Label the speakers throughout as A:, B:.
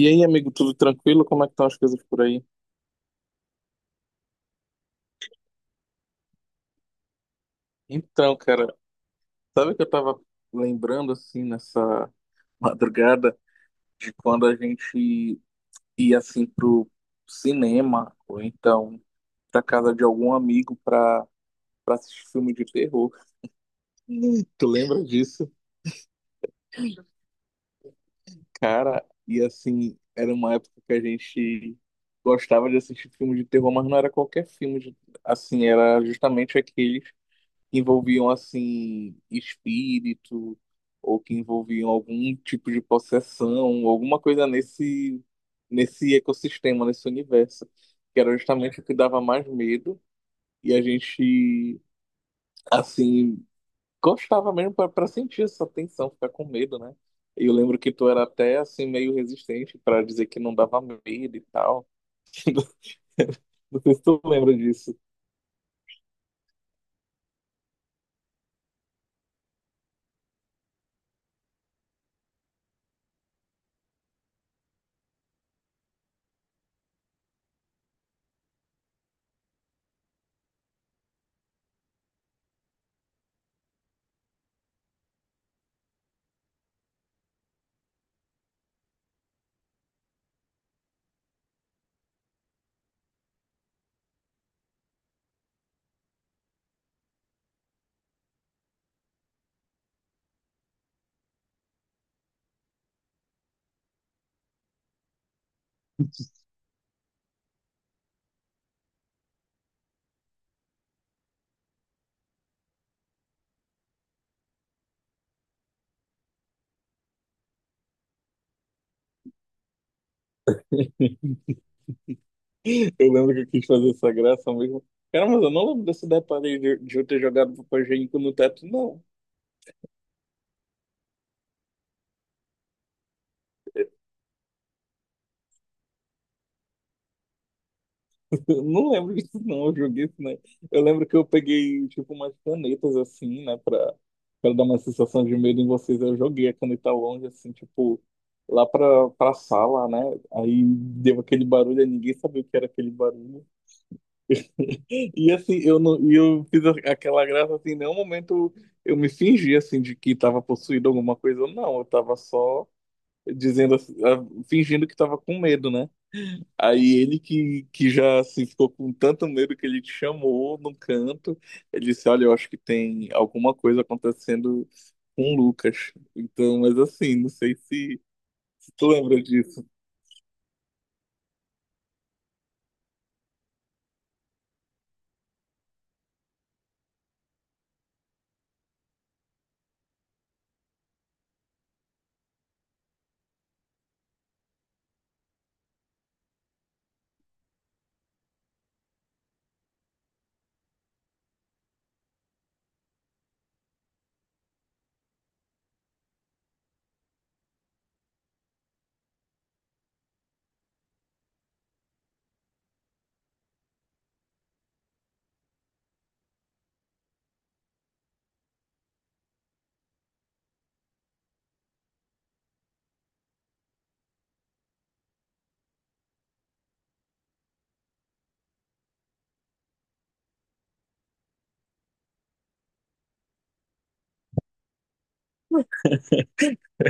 A: E aí, amigo, tudo tranquilo? Como é que estão as coisas por aí? Então, cara, sabe que eu tava lembrando assim nessa madrugada de quando a gente ia assim pro cinema ou então pra casa de algum amigo pra assistir filme de terror. Ih, tu lembra disso? Cara, e assim, era uma época que a gente gostava de assistir filme de terror, mas não era qualquer assim, era justamente aqueles que envolviam assim espírito ou que envolviam algum tipo de possessão, alguma coisa nesse ecossistema, nesse universo, que era justamente o que dava mais medo e a gente assim gostava mesmo para sentir essa tensão, ficar com medo, né? Eu lembro que tu era até assim meio resistente para dizer que não dava medo e tal. Não sei se tu lembra disso. Eu lembro que eu quis fazer essa graça mesmo. Cara, mas eu não lembro desse detalhe de eu ter jogado papel higiênico no teto, não. Eu não lembro disso, não. Eu joguei isso, né? Eu lembro que eu peguei, tipo, umas canetas, assim, né? Pra dar uma sensação de medo em vocês. Eu joguei a caneta longe, assim, tipo, lá pra sala, né? Aí deu aquele barulho, aí ninguém sabia o que era aquele barulho. E, assim, eu não, e eu aquela graça, assim, em nenhum momento eu me fingi, assim, de que tava possuído alguma coisa. Não, eu tava só dizendo, assim, ah, fingindo que tava com medo, né? Aí ele que já assim, ficou com tanto medo que ele te chamou num canto. Ele disse: "Olha, eu acho que tem alguma coisa acontecendo com o Lucas." Então, mas assim, não sei se tu lembra disso,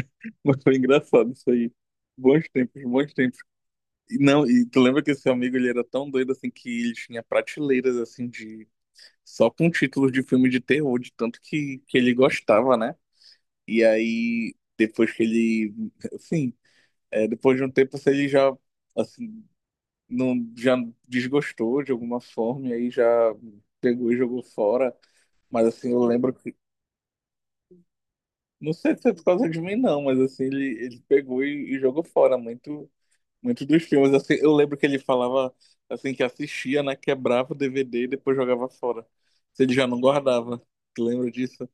A: mas foi engraçado isso aí. Bons tempos, bons tempos. E não, e tu lembra que esse amigo ele era tão doido assim que ele tinha prateleiras assim de só com títulos de filme de terror, de tanto que ele gostava, né? E aí, depois que ele, assim, é, depois de um tempo, se ele já, assim, não, já desgostou de alguma forma, e aí já pegou e jogou fora. Mas, assim, eu lembro que, não sei se é por causa de mim, não, mas, assim, ele pegou e jogou fora muito, muito dos filmes. Assim, eu lembro que ele falava, assim, que assistia, né, quebrava o DVD e depois jogava fora. Se ele já não guardava. Tu lembra disso?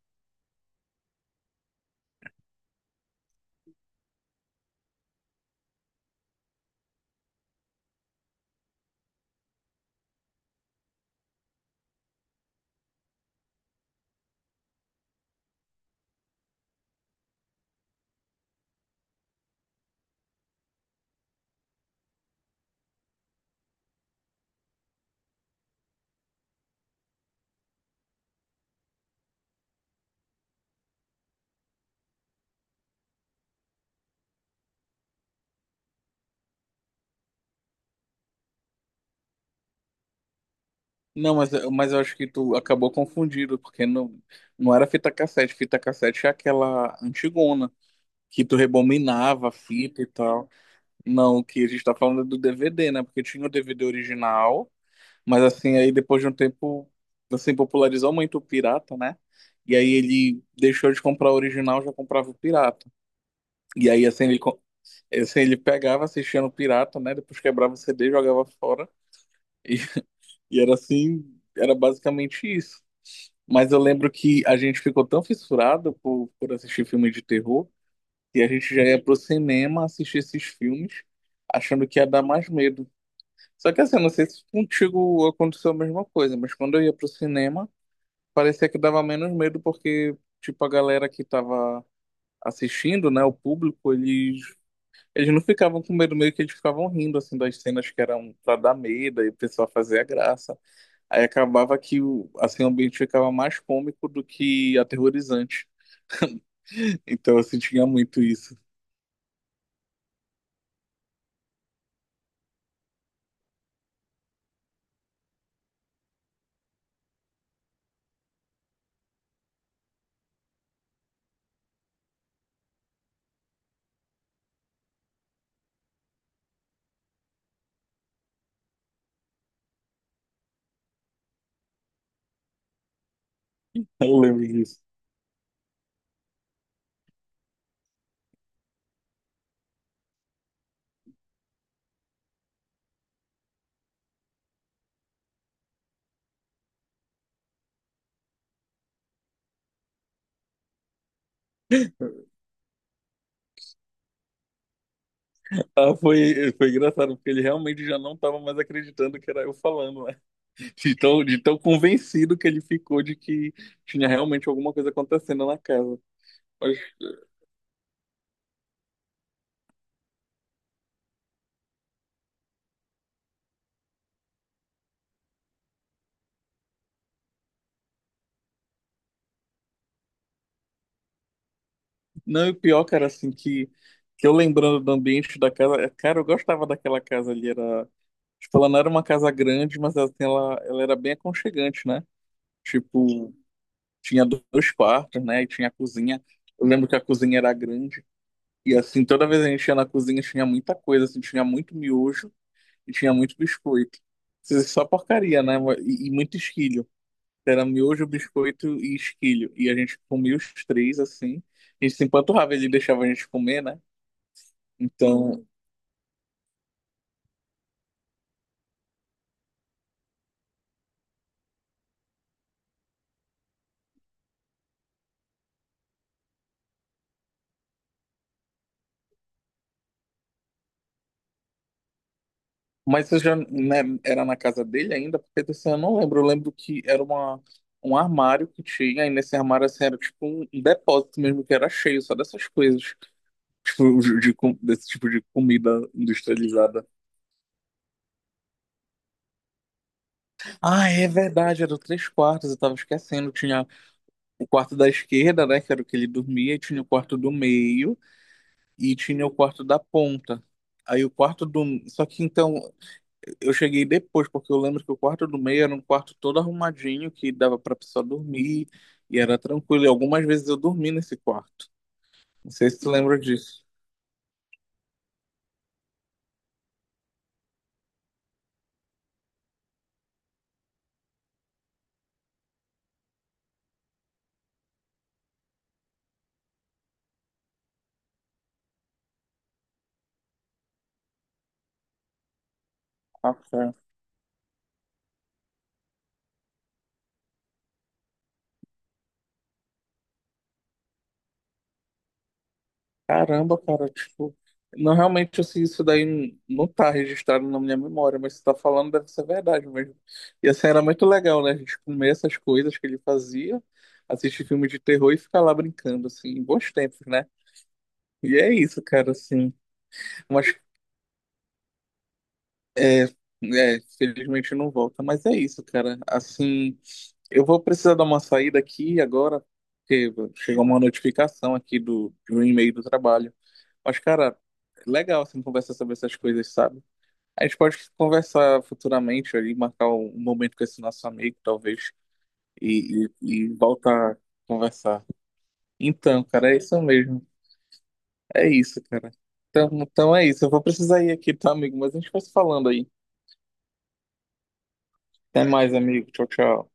A: Não, mas eu acho que tu acabou confundido, porque não, não era fita cassete. Fita cassete é aquela antigona, que tu rebobinava a fita e tal. Não, o que a gente tá falando é do DVD, né? Porque tinha o DVD original, mas assim, aí depois de um tempo, assim, popularizou muito o pirata, né? E aí ele deixou de comprar o original, já comprava o pirata. E aí, assim, assim, ele pegava, assistia no pirata, né? Depois quebrava o CD, jogava fora. E, e era assim, era basicamente isso. Mas eu lembro que a gente ficou tão fissurado por assistir filmes de terror que a gente já ia pro cinema assistir esses filmes achando que ia dar mais medo. Só que assim, eu não sei se contigo aconteceu a mesma coisa, mas quando eu ia pro cinema, parecia que dava menos medo porque, tipo, a galera que tava assistindo, né, o público, eles não ficavam com medo, meio que eles ficavam rindo, assim, das cenas que eram pra dar medo e o pessoal fazia graça. Aí acabava que o, assim, o ambiente ficava mais cômico do que aterrorizante. Então assim tinha muito isso. Eu lembro disso. Ah, foi, foi engraçado, porque ele realmente já não estava mais acreditando que era eu falando, né? De tão convencido que ele ficou de que tinha realmente alguma coisa acontecendo na casa. Mas, não, e o pior, cara, assim, que eu lembrando do ambiente da casa, é, cara, eu gostava daquela casa ali, era, tipo, ela não era uma casa grande, mas assim, ela era bem aconchegante, né? Tipo, tinha dois quartos, né? E tinha a cozinha. Eu lembro que a cozinha era grande. E assim, toda vez que a gente ia na cozinha, tinha muita coisa, assim, tinha muito miojo e tinha muito biscoito. Isso é só porcaria, né? E muito esquilho. Era miojo, biscoito e esquilho. E a gente comia os três, assim. A gente se empanturrava, ele deixava a gente comer, né? Então, mas você já, né, era na casa dele ainda? Porque desse eu não lembro. Eu lembro que era uma, um armário que tinha, e nesse armário assim, era tipo um depósito mesmo, que era cheio só dessas coisas. Tipo, desse tipo de comida industrializada. Ah, é verdade, eram três quartos, eu tava esquecendo. Tinha o quarto da esquerda, né, que era o que ele dormia, e tinha o quarto do meio, e tinha o quarto da ponta. Aí o quarto do. Só que então. Eu cheguei depois, porque eu lembro que o quarto do meio era um quarto todo arrumadinho, que dava pra pessoa dormir, e era tranquilo. E algumas vezes eu dormi nesse quarto. Não sei se tu lembra disso. Ah, cara. Caramba, cara, tipo. Não, realmente, assim, isso daí não tá registrado na minha memória, mas você tá falando deve ser verdade mesmo. E assim, era muito legal, né? A gente comer essas coisas que ele fazia, assistir filme de terror e ficar lá brincando, assim, bons tempos, né? E é isso, cara, assim. Umas é, é, felizmente não volta, mas é isso, cara. Assim, eu vou precisar dar uma saída aqui agora, porque chegou uma notificação aqui de um e-mail do trabalho. Mas, cara, é legal assim conversar sobre essas coisas, sabe? A gente pode conversar futuramente ali, marcar um momento com esse nosso amigo, talvez, e voltar a conversar. Então, cara, é isso mesmo. É isso, cara. Então, então é isso. Eu vou precisar ir aqui, tá, amigo? Mas a gente vai se falando aí. Até mais, amigo. Tchau, tchau.